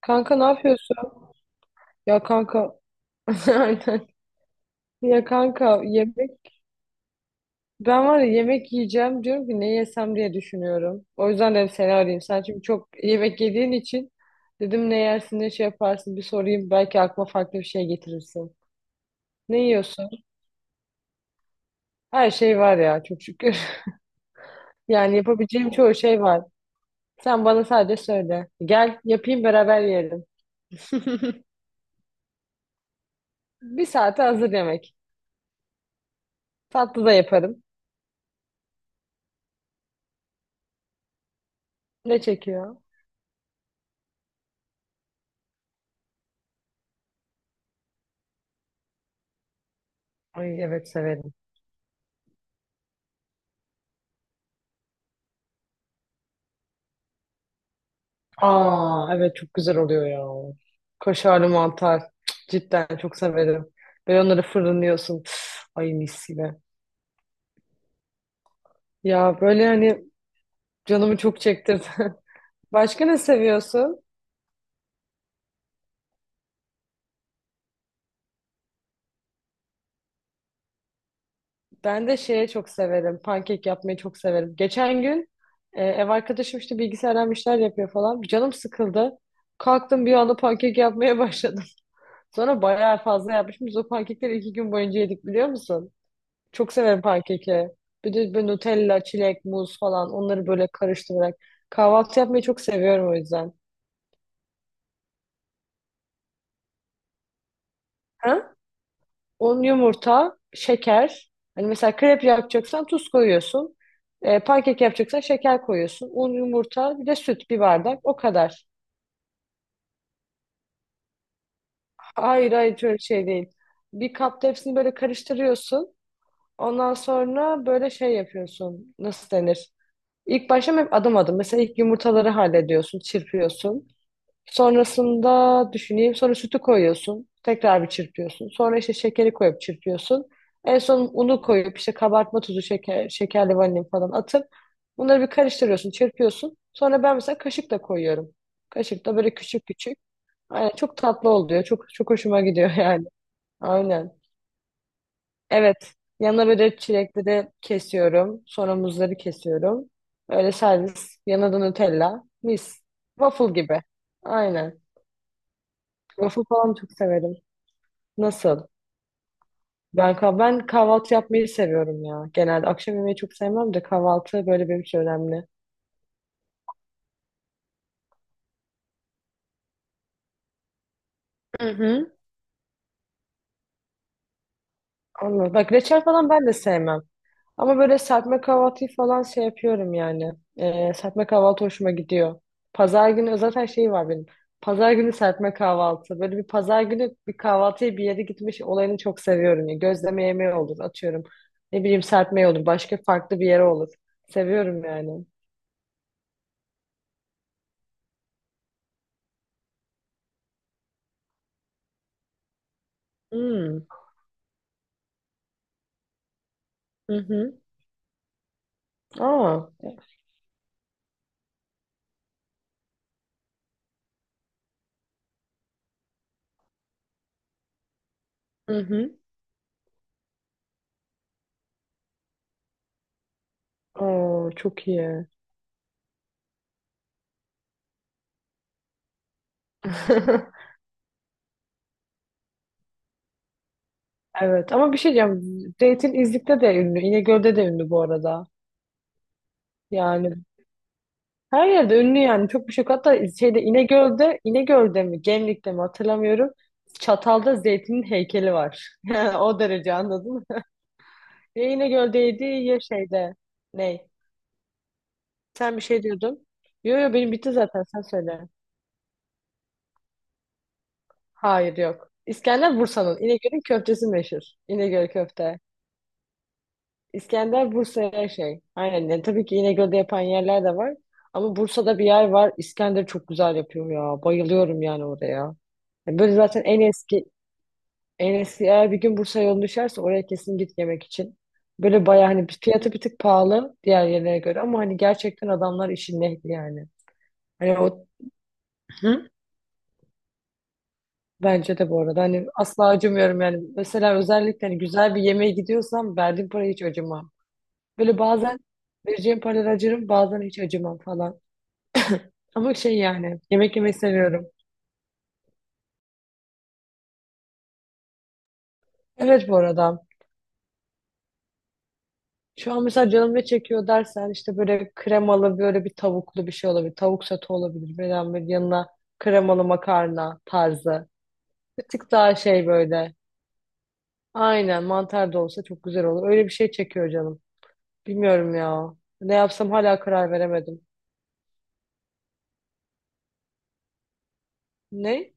Kanka ne yapıyorsun? Ya kanka. Aynen. Ya kanka yemek, ben var ya yemek yiyeceğim diyorum ki ne yesem diye düşünüyorum. O yüzden dedim seni arayayım. Sen çünkü çok yemek yediğin için dedim ne yersin, ne şey yaparsın bir sorayım, belki aklıma farklı bir şey getirirsin. Ne yiyorsun? Her şey var ya, çok şükür. Yani yapabileceğim çoğu şey var. Sen bana sadece söyle. Gel yapayım, beraber yiyelim. Bir saate hazır yemek. Tatlı da yaparım. Ne çekiyor? Ay evet, severim. Aa evet, çok güzel oluyor ya. Kaşarlı mantar. Cık, cidden çok severim. Böyle onları fırınlıyorsun. Üf, ay mis gibi. Ya böyle hani canımı çok çekti. Başka ne seviyorsun? Ben de şeye çok severim. Pankek yapmayı çok severim. Geçen gün ev arkadaşım işte bilgisayardan bir şeyler yapıyor falan. Canım sıkıldı. Kalktım bir anda pankek yapmaya başladım. Sonra bayağı fazla yapmışım. Biz o pankekleri 2 gün boyunca yedik, biliyor musun? Çok severim pankeki. Bir de böyle Nutella, çilek, muz falan onları böyle karıştırarak. Kahvaltı yapmayı çok seviyorum o yüzden. Ha? Un, yumurta, şeker. Hani mesela krep yapacaksan tuz koyuyorsun. E, pankek yapacaksan şeker koyuyorsun. Un, yumurta, bir de süt, bir bardak. O kadar. Hayır hayır, şöyle şey değil. Bir kapta hepsini böyle karıştırıyorsun. Ondan sonra böyle şey yapıyorsun. Nasıl denir? İlk başta hep adım adım. Mesela ilk yumurtaları hallediyorsun, çırpıyorsun. Sonrasında düşüneyim. Sonra sütü koyuyorsun. Tekrar bir çırpıyorsun. Sonra işte şekeri koyup çırpıyorsun. En son unu koyup işte kabartma tuzu, şeker, şekerli vanilin falan atıp bunları bir karıştırıyorsun, çırpıyorsun. Sonra ben mesela kaşıkla koyuyorum. Kaşıkla böyle küçük küçük. Aynen, çok tatlı oluyor. Çok çok hoşuma gidiyor yani. Aynen. Evet. Yanına böyle çilekleri kesiyorum. Sonra muzları kesiyorum. Öyle servis. Yanına da Nutella. Mis. Waffle gibi. Aynen. Waffle falan çok severim. Nasıl? Ben kahvaltı yapmayı seviyorum ya. Genelde akşam yemeği çok sevmem de kahvaltı böyle benim için önemli. Hı hı. Anladım. Bak reçel falan ben de sevmem. Ama böyle serpme kahvaltıyı falan şey yapıyorum yani. Serpme kahvaltı hoşuma gidiyor. Pazar günü zaten şey var benim. Pazar günü serpme kahvaltı. Böyle bir pazar günü bir kahvaltıya bir yere gitmiş olayını çok seviyorum. Ya. Gözleme yemeği olur, atıyorum. Ne bileyim, serpme olur. Başka farklı bir yere olur. Seviyorum yani. Hmm. Hı hı. Aa. Hı hı. Oo, çok iyi. Evet ama bir şey diyeceğim. Zeytin Zeytinizlik'te de ünlü. İnegöl'de de ünlü bu arada. Yani her yerde ünlü yani. Çok bir şey yok. Hatta şeyde, İnegöl'de, İnegöl'de mi Gemlik'te mi hatırlamıyorum. Çatal'da Zeytin'in heykeli var. Yani o derece, anladın mı? Ya İnegöl'deydi ya şeyde. Ney? Sen bir şey diyordun. Yo yo, benim bitti zaten, sen söyle. Hayır yok. İskender Bursa'nın. İnegöl'ün köftesi meşhur. İnegöl köfte. İskender Bursa'ya şey. Aynen. Yani tabii ki İnegöl'de yapan yerler de var. Ama Bursa'da bir yer var. İskender çok güzel yapıyor ya. Bayılıyorum yani oraya. Yani böyle zaten en eski eğer bir gün Bursa yolun düşerse oraya kesin git yemek için. Böyle bayağı hani fiyatı bir tık pahalı diğer yerlere göre, ama hani gerçekten adamlar işin ehli yani. Hani o Hı? Bence de bu arada, hani asla acımıyorum yani. Mesela özellikle hani güzel bir yemeğe gidiyorsam verdiğim parayı hiç acımam. Böyle bazen vereceğim paralara acırım, bazen hiç acımam falan. Ama şey yani, yemek yemeyi seviyorum. Evet, bu arada. Şu an mesela canım ne çekiyor dersen işte böyle kremalı böyle bir tavuklu bir şey olabilir. Tavuk sote olabilir. Veya bir yanına kremalı makarna tarzı. Bir tık daha şey böyle. Aynen, mantar da olsa çok güzel olur. Öyle bir şey çekiyor canım. Bilmiyorum ya. Ne yapsam hala karar veremedim. Ne?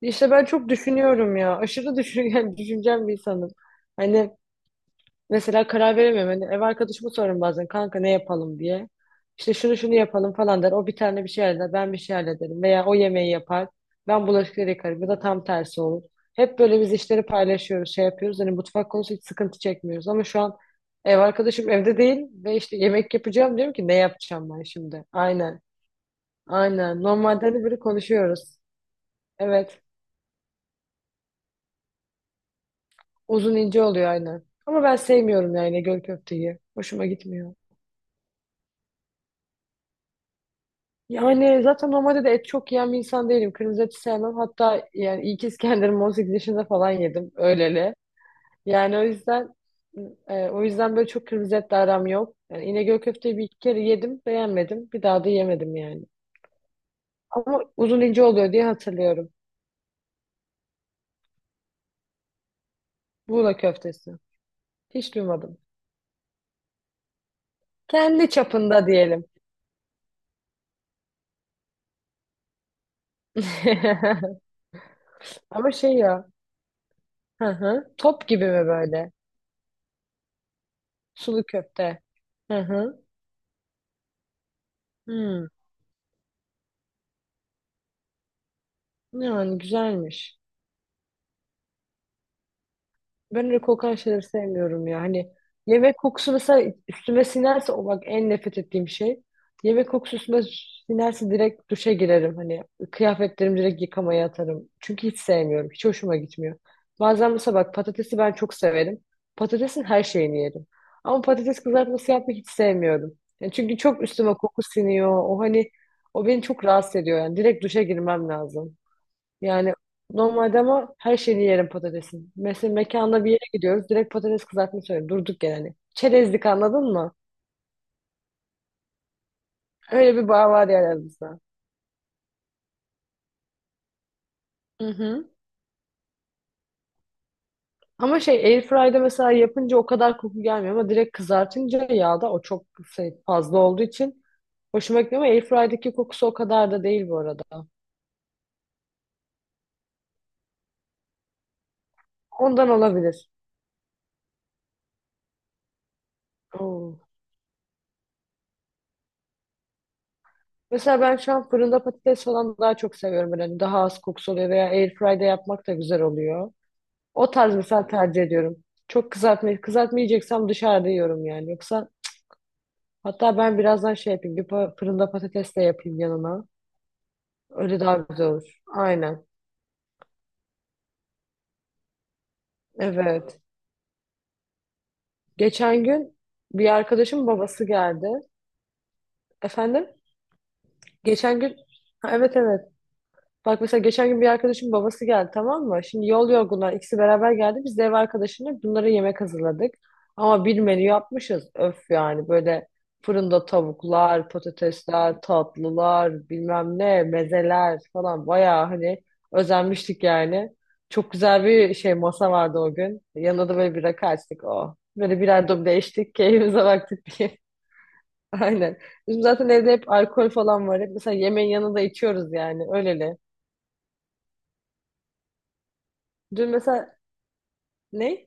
İşte ben çok düşünüyorum ya. Aşırı düşün, yani düşüncem bir insanım. Hani. Mesela karar veremiyorum. Hani ev arkadaşımı sorarım bazen, kanka ne yapalım diye. İşte şunu şunu yapalım falan der. O bir tane bir şey halleder. Ben bir şey hallederim. Veya o yemeği yapar. Ben bulaşıkları yıkarım. Ya da tam tersi olur. Hep böyle biz işleri paylaşıyoruz, şey yapıyoruz. Hani mutfak konusu hiç sıkıntı çekmiyoruz. Ama şu an ev arkadaşım evde değil ve işte yemek yapacağım diyorum ki ne yapacağım ben şimdi? Aynen. Aynen. Normalde hani böyle konuşuyoruz. Evet. Uzun ince oluyor, aynen. Ama ben sevmiyorum yani göl köfteyi. Hoşuma gitmiyor. Yani zaten normalde de et çok yiyen bir insan değilim. Kırmızı eti sevmem. Hatta yani ilk İskender'imi 18 yaşında falan yedim. Öyleli. Yani o yüzden böyle çok kırmızı etle aram yok. Yani İnegöl köfteyi bir iki kere yedim. Beğenmedim. Bir daha da yemedim yani. Ama uzun ince oluyor diye hatırlıyorum. Muğla köftesi. Hiç duymadım. Kendi çapında diyelim. Ama şey ya. Hı hı. Top gibi mi böyle? Sulu köfte. Hı hı. Hmm. Yani güzelmiş. Ben öyle kokan şeyleri sevmiyorum ya. Hani yemek kokusu mesela üstüme sinerse o bak en nefret ettiğim şey. Yemek kokusu üstüme sinerse direkt duşa girerim. Hani kıyafetlerimi direkt yıkamaya atarım. Çünkü hiç sevmiyorum. Hiç hoşuma gitmiyor. Bazen mesela bak patatesi ben çok severim. Patatesin her şeyini yerim. Ama patates kızartması yapmayı hiç sevmiyorum. Yani çünkü çok üstüme koku siniyor. O hani o beni çok rahatsız ediyor yani. Direkt duşa girmem lazım. Yani normalde ama her şeyini yerim patatesin. Mesela mekanda bir yere gidiyoruz. Direkt patates kızartma söylüyorum. Durduk yani. Çerezlik, anladın mı? Öyle bir bağ var yani aramızda. Hı hı. Ama şey, airfryer'da mesela yapınca o kadar koku gelmiyor ama direkt kızartınca yağda o çok şey, fazla olduğu için hoşuma gitmiyor, ama airfryer'daki kokusu o kadar da değil bu arada. Ondan olabilir. Oo. Mesela ben şu an fırında patates falan daha çok seviyorum. Yani daha az kokusu oluyor veya airfryer'da yapmak da güzel oluyor. O tarz mesela tercih ediyorum. Çok kızartmayı kızartmayacaksam dışarıda yiyorum yani. Yoksa hatta ben birazdan şey yapayım. Fırında patates de yapayım yanına. Öyle daha güzel olur. Aynen. Evet. Geçen gün bir arkadaşım babası geldi. Efendim? Geçen gün Ha, evet evet. Bak mesela geçen gün bir arkadaşım babası geldi, tamam mı? Şimdi yol yorgunlar, ikisi beraber geldi. Biz de ev arkadaşına bunlara yemek hazırladık. Ama bir menü yapmışız. Öf yani böyle fırında tavuklar, patatesler, tatlılar, bilmem ne, mezeler falan, bayağı hani özenmiştik yani. Çok güzel bir şey masa vardı o gün. Yanında da böyle bir rakı açtık o. Böyle birer duble içtik, keyfimize baktık diye. Aynen. Bizim zaten evde hep alkol falan var. Hep mesela yemeğin yanında içiyoruz yani öyleli. Dün mesela Ne?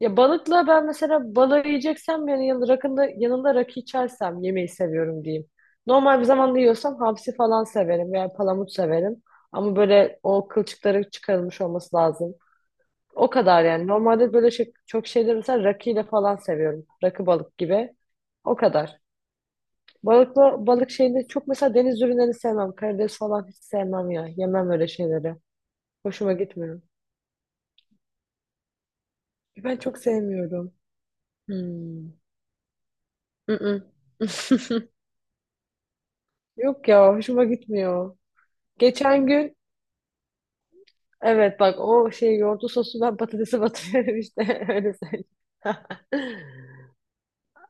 Ya balıkla ben mesela balığı yiyeceksem yani yanında, rakında, yanında rakı içersem yemeği seviyorum diyeyim. Normal bir zamanda yiyorsam hamsi falan severim veya palamut severim. Ama böyle o kılçıkları çıkarılmış olması lazım. O kadar yani. Normalde böyle şey, çok şeyleri mesela rakıyla falan seviyorum. Rakı balık gibi. O kadar. Balıkla, balık şeyini çok mesela deniz ürünlerini sevmem. Karides falan hiç sevmem ya. Yemem öyle şeyleri. Hoşuma gitmiyor. Ben çok sevmiyorum. Hmm. Mm-mm. Yok ya, hoşuma gitmiyor. Geçen gün evet bak o şey yoğurtlu sosu ben patatese batırıyorum işte öyle söyleyeyim.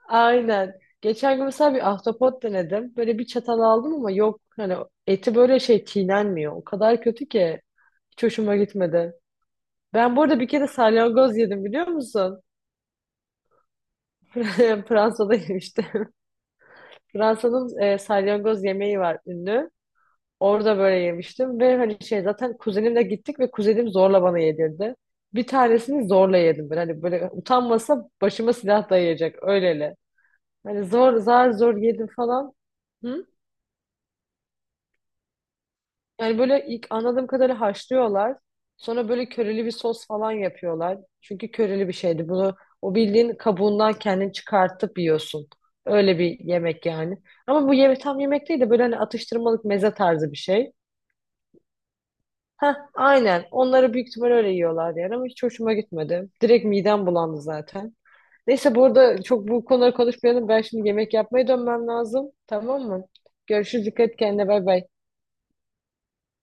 Aynen. Geçen gün mesela bir ahtapot denedim. Böyle bir çatal aldım ama yok hani eti böyle şey çiğnenmiyor. O kadar kötü ki hiç hoşuma gitmedi. Ben burada bir kere salyangoz yedim, biliyor musun? Fransa'da yemiştim. Fransa'nın e, salyangoz yemeği var, ünlü. Orada böyle yemiştim ve hani şey zaten kuzenimle gittik ve kuzenim zorla bana yedirdi. Bir tanesini zorla yedim ben. Hani böyle utanmasa başıma silah dayayacak, öyleli. Hani zor zar zor yedim falan. Hı? Yani böyle ilk anladığım kadarıyla haşlıyorlar. Sonra böyle köreli bir sos falan yapıyorlar. Çünkü köreli bir şeydi. Bunu o bildiğin kabuğundan kendini çıkartıp yiyorsun. Öyle bir yemek yani. Ama bu yemek tam yemek değil de böyle hani atıştırmalık meze tarzı bir şey. Heh, aynen. Onları büyük ihtimal öyle yiyorlar yani ama hiç hoşuma gitmedi. Direkt midem bulandı zaten. Neyse bu arada, çok bu konuları konuşmayalım. Ben şimdi yemek yapmaya dönmem lazım. Tamam mı? Görüşürüz. Dikkat et kendine. Bay bay.